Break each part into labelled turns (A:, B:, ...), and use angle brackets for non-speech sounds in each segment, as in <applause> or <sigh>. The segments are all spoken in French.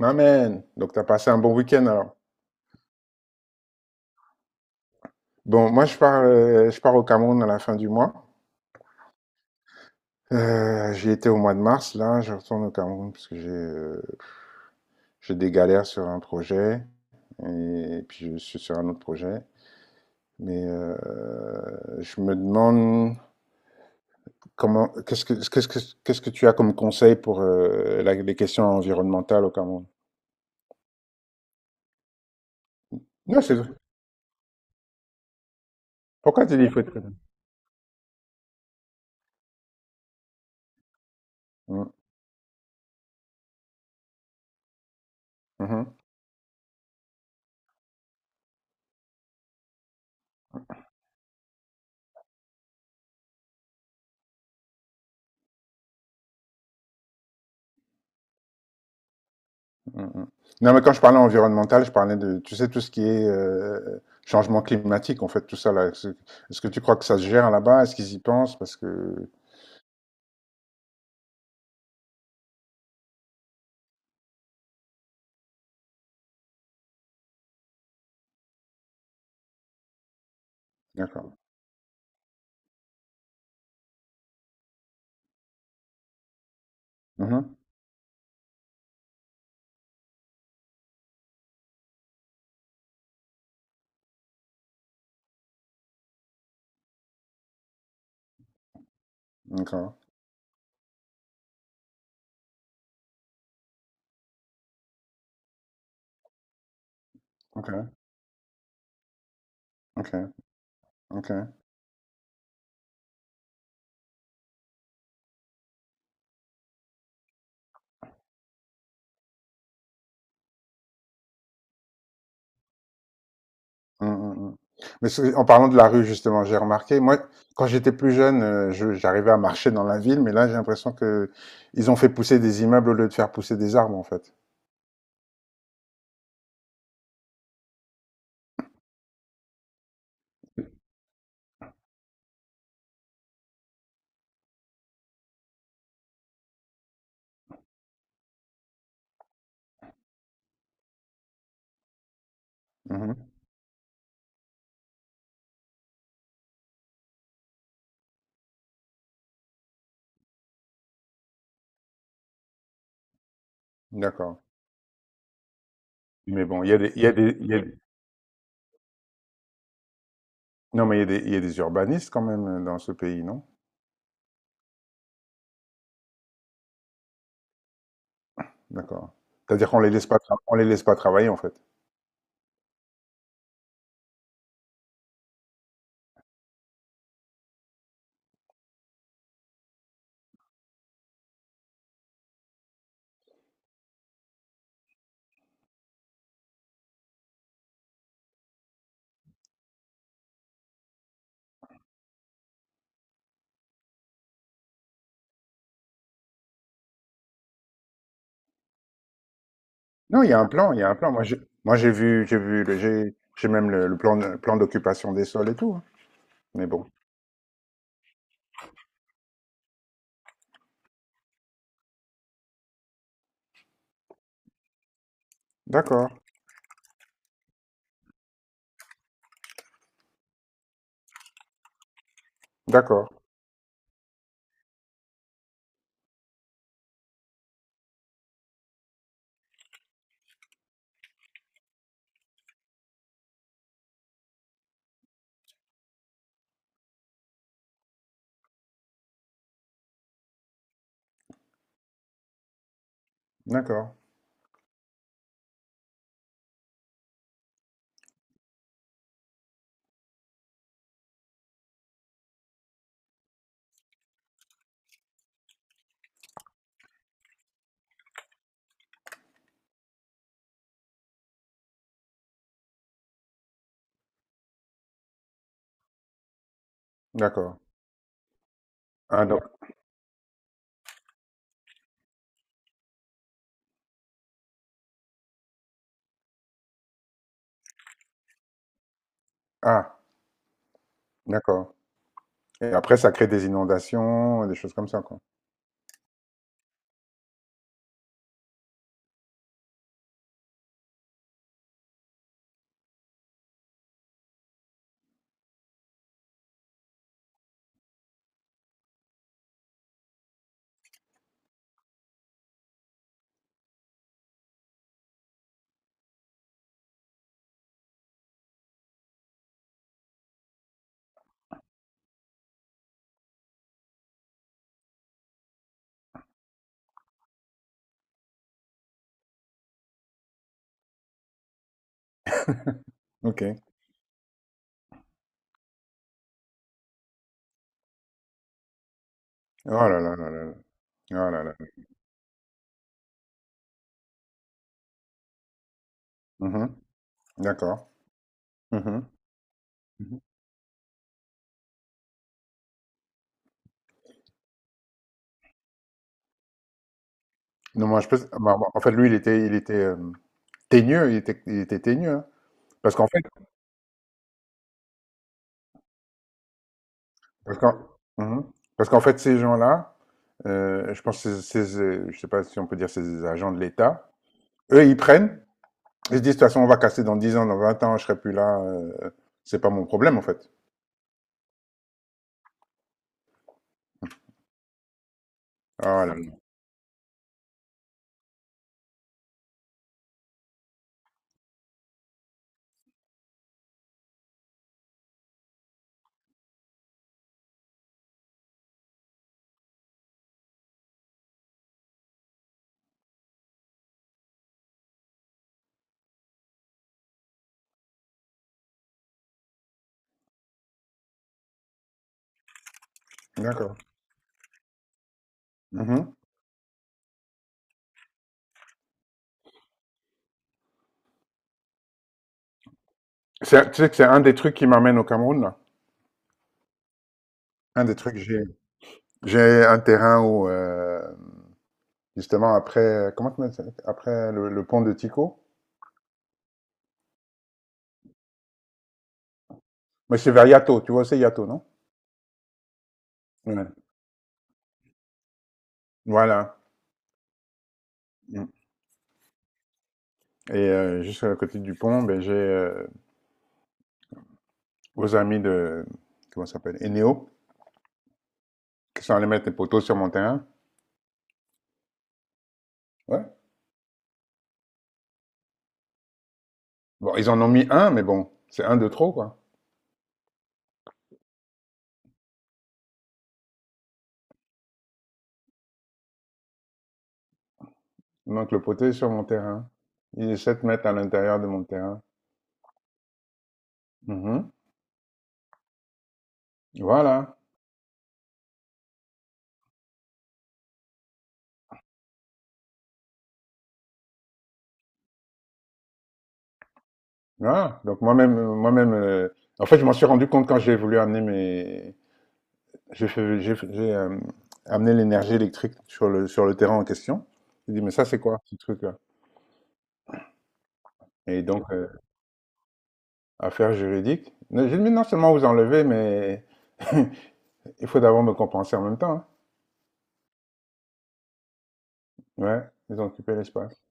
A: Amen. Donc, tu as passé un bon week-end alors. Bon, moi, je pars au Cameroun à la fin du mois. J'y étais au mois de mars. Là, je retourne au Cameroun parce que j'ai des galères sur un projet et, puis je suis sur un autre projet. Mais je me demande comment, qu'est-ce que, qu'est-ce que, qu'est-ce que tu as comme conseil pour les questions environnementales au Cameroun? Non, c'est vrai. Pourquoi tu dis qu'il faut être prudent? Mhm. Mhm. Mm, mm. Non, mais quand je parlais environnemental, je parlais de, tu sais, tout ce qui est changement climatique, en fait, tout ça là. Est-ce que tu crois que ça se gère là-bas? Est-ce qu'ils y pensent? Parce que, d'accord. Mhm. D'accord. Ok. Ok. Ok. Mm, mm, mm. Mais en parlant de la rue, justement, j'ai remarqué, moi, quand j'étais plus jeune, j'arrivais à marcher dans la ville, mais là, j'ai l'impression que ils ont fait pousser des immeubles au lieu de faire pousser des arbres, en fait. Mmh. D'accord. Mais bon, il y a des il y a des il y a des non, mais il y a des urbanistes quand même, dans ce pays, non? D'accord. C'est-à-dire qu'on les laisse pas travailler, en fait? Non, il y a un plan, il y a un plan. Moi, j'ai vu, le- j'ai même le plan, plan d'occupation des sols et tout. Hein. Mais bon, d'accord, d'accord, d'accord, d'accord. Ah, donc, ah, d'accord. Et après, ça crée des inondations, des choses comme ça, quoi. Ok. Oh là là là là là. Oh là là. Mhm. D'accord. Mhm. Mhm. Non, moi, je peux. Bah, bah, en fait, lui, il était teigneux, il était teigneux. Hein. Parce qu'en fait, parce qu'en mhm. Parce qu'en fait, ces gens-là, je pense que je sais pas si on peut dire ces agents de l'État, eux, ils se disent, de toute façon, on va casser dans 10 ans, dans 20 ans, je serai plus là, c'est pas mon problème, en fait. Voilà. D'accord. Mhm. Tu sais que c'est un des trucs qui m'amène au Cameroun, là. Un des trucs, j'ai un terrain où, justement, après, comment tu m'as dit après le pont de Tico, mais c'est vers Yato, tu vois, c'est Yato, non? Ouais. Voilà. Mm. Et juste à côté du pont, ben, j'ai vos amis de, comment ça s'appelle, Eneo, qu'ils sont allés mettre des poteaux sur mon terrain. Ouais. Bon, ils en ont mis un, mais bon, c'est un de trop, quoi. Donc le poteau est sur mon terrain. Il est 7 mètres à l'intérieur de mon terrain. Mhm. Voilà. Voilà. Donc moi-même, en fait, je m'en suis rendu compte quand j'ai voulu amener mes, j'ai fait, j'ai, fait- j'ai, euh, amené l'énergie électrique sur le terrain en question. J'ai dit, mais ça, c'est quoi, ce truc-là? Et donc, affaire juridique. Mais j'ai dit, mais non seulement vous enlevez, mais <laughs> il faut d'abord me compenser en même temps. Hein. Ouais. Ils ont occupé l'espace.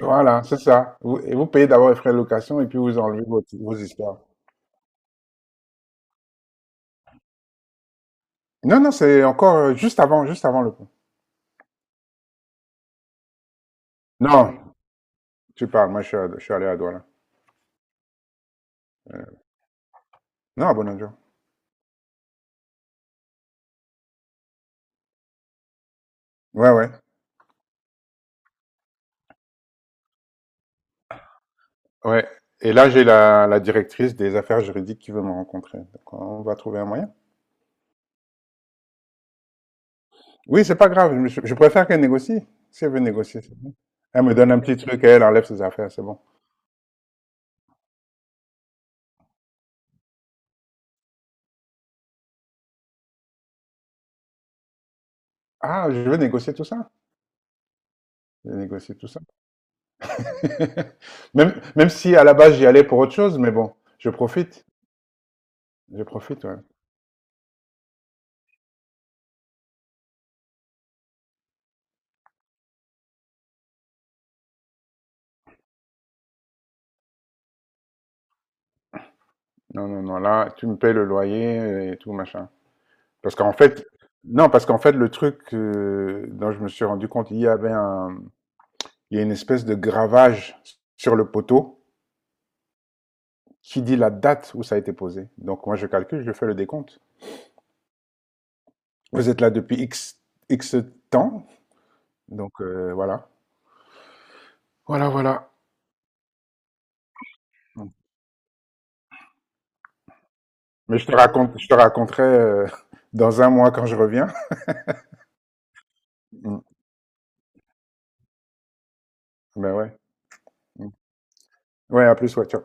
A: Voilà, c'est ça. Vous, et vous payez d'abord les frais de location et puis vous enlevez vos, vos histoires. Non, non, c'est encore juste avant le pont. Non, tu parles, moi je suis allé à Douala. Euh, non, à Bonadjo. Ouais, ouais, ouais. Et là, j'ai la, la directrice des affaires juridiques qui veut me rencontrer. Donc, on va trouver un moyen. Oui, c'est pas grave. Je préfère qu'elle négocie. Si elle veut négocier, c'est bon. Elle me donne un petit truc et elle enlève ses affaires, c'est bon. Ah, je veux négocier tout ça. Je vais négocier tout ça. <laughs> Même, même si à la base j'y allais pour autre chose, mais bon, je profite. Je profite, ouais. Non, non, non, là, tu me payes le loyer et tout, machin. Parce qu'en fait, non, parce qu'en fait, le truc dont je me suis rendu compte, il y a une espèce de gravage sur le poteau qui dit la date où ça a été posé. Donc, moi, je calcule, je fais le décompte. Vous êtes là depuis X, X temps, donc voilà. Voilà, voilà. Mais je te raconterai <laughs> dans 1 mois quand je reviens. Mm. Ben ouais. Mm. Ouais, à plus, ouais, ciao.